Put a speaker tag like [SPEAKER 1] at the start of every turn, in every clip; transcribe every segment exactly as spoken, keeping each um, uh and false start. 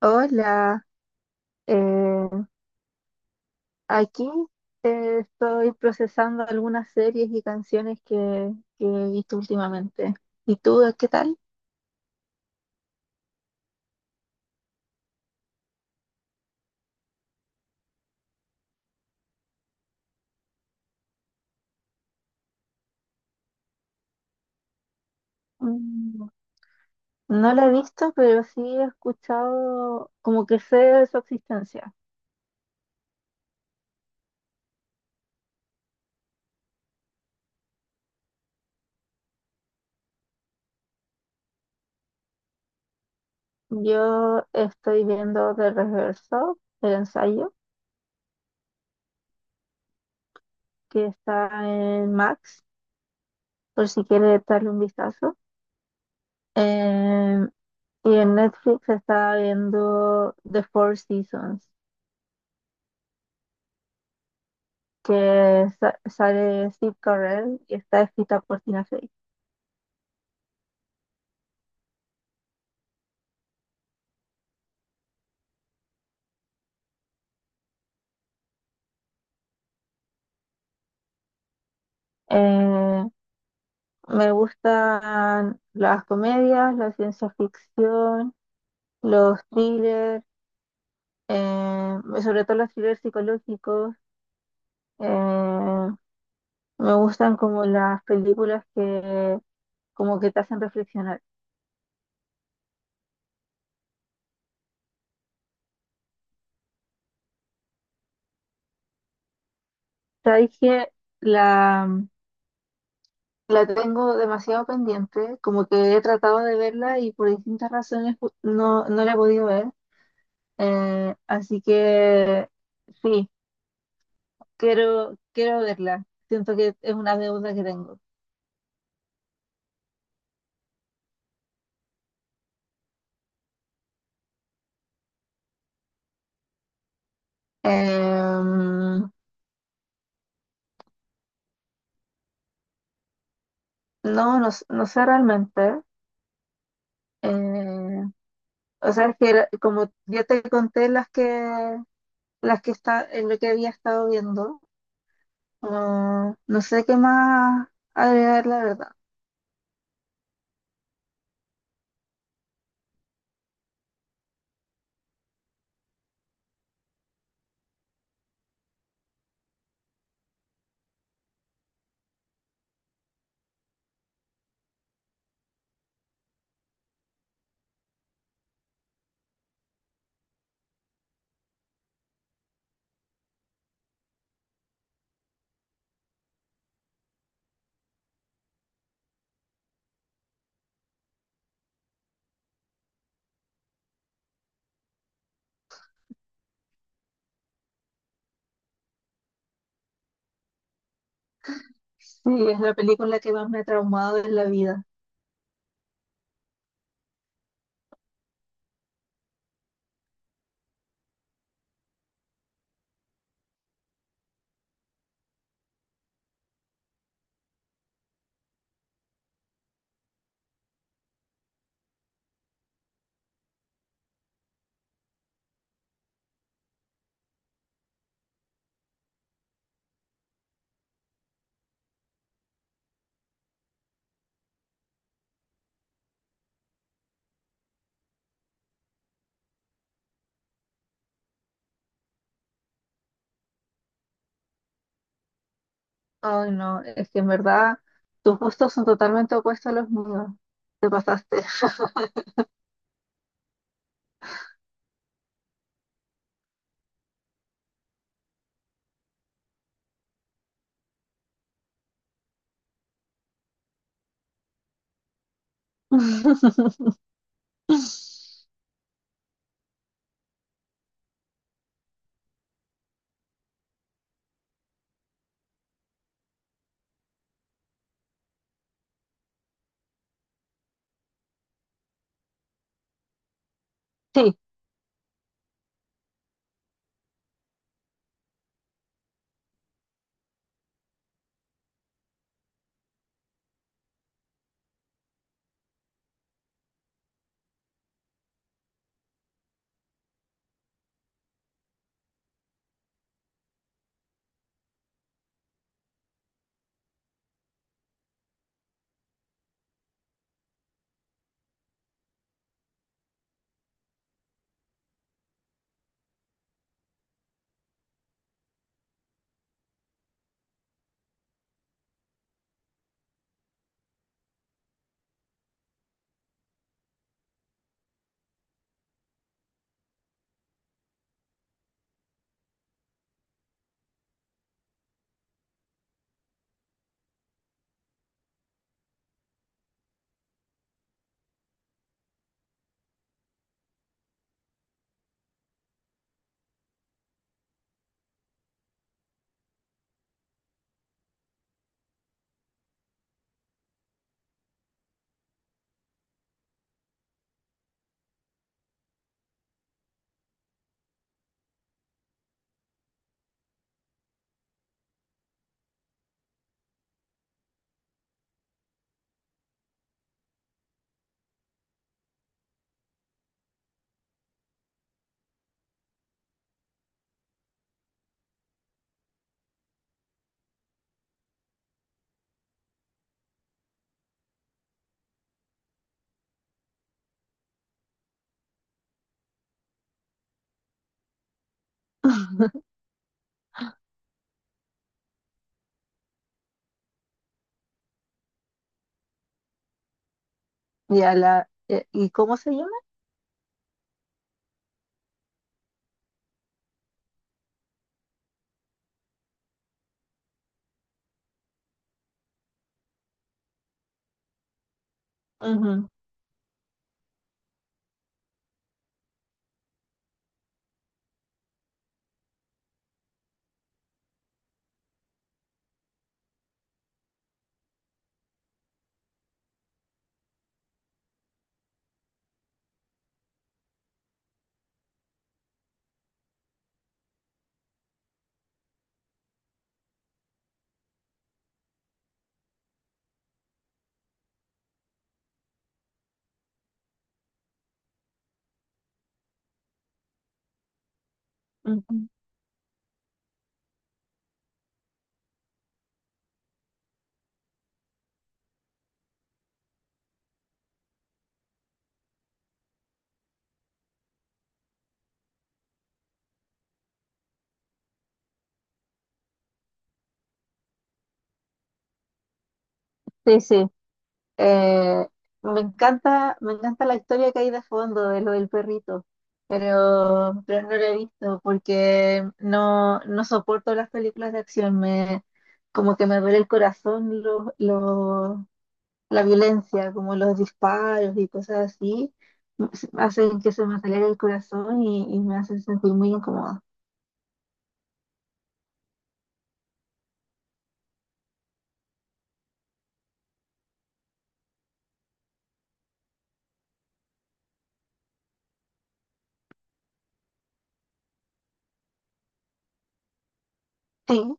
[SPEAKER 1] Hola, eh, aquí eh, estoy procesando algunas series y canciones que, que he visto últimamente. ¿Y tú, eh, qué tal? Mm, no la he visto, pero sí he escuchado, como que sé de su existencia. Yo estoy viendo The Rehearsal, el ensayo, que está en Max, por si quieres darle un vistazo. Em, y en Netflix está viendo The Four Seasons. Que sa- sale Steve Carell y está escrita por Tina Fey. Eh, Me gustan las comedias, la ciencia ficción, los thrillers, eh, sobre todo los thrillers psicológicos. Eh, Me gustan como las películas que como que te hacen reflexionar. Sabes que la, la tengo demasiado pendiente, como que he tratado de verla y por distintas razones no, no la he podido ver. Eh, así que sí, quiero, quiero verla. Siento que es una deuda que tengo. Em, no, no, s- no sé realmente. Eh, o sea, es que era- como ya te conté las que las que está, en lo que había estado viendo, no no sé qué más agregar, la verdad. Sí, es la película que más me ha traumado en la vida. Ay, no, es que en verdad tus gustos son totalmente opuestos a los míos. Te pasaste. Sí, y a la. eh, ¿Y cómo se llama? Ujú, ujú. Sí, sí. Eh, Me encanta, me encanta la historia que hay de fondo de lo del perrito, pero, pero no la he visto porque no, no soporto las películas de acción. Me, como que me duele el corazón lo, lo- la violencia, como los disparos y cosas así, hacen que se me acelere el corazón y, y me hacen sentir muy incómoda. Sí.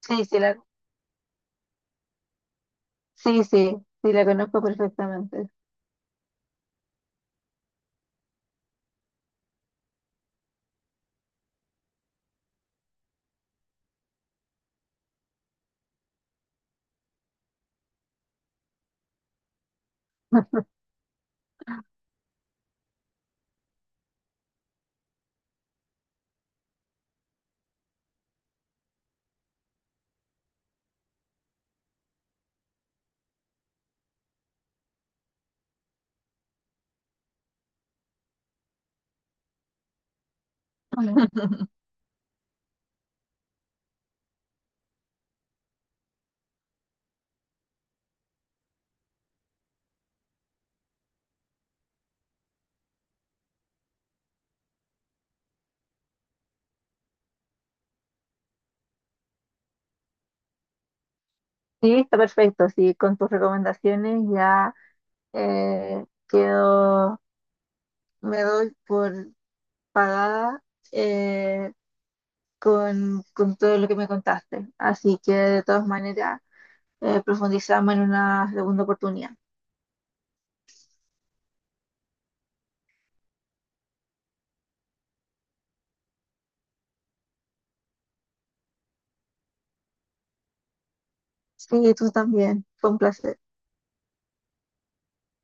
[SPEAKER 1] Sí, sí, la, sí, sí, sí, la conozco perfectamente. Sí, está perfecto. Sí, con tus recomendaciones ya eh, quedo, me doy por pagada, eh, con, con todo lo que me contaste. Así que de todas maneras, eh, profundizamos en una segunda oportunidad. Sí, tú también. Fue un placer.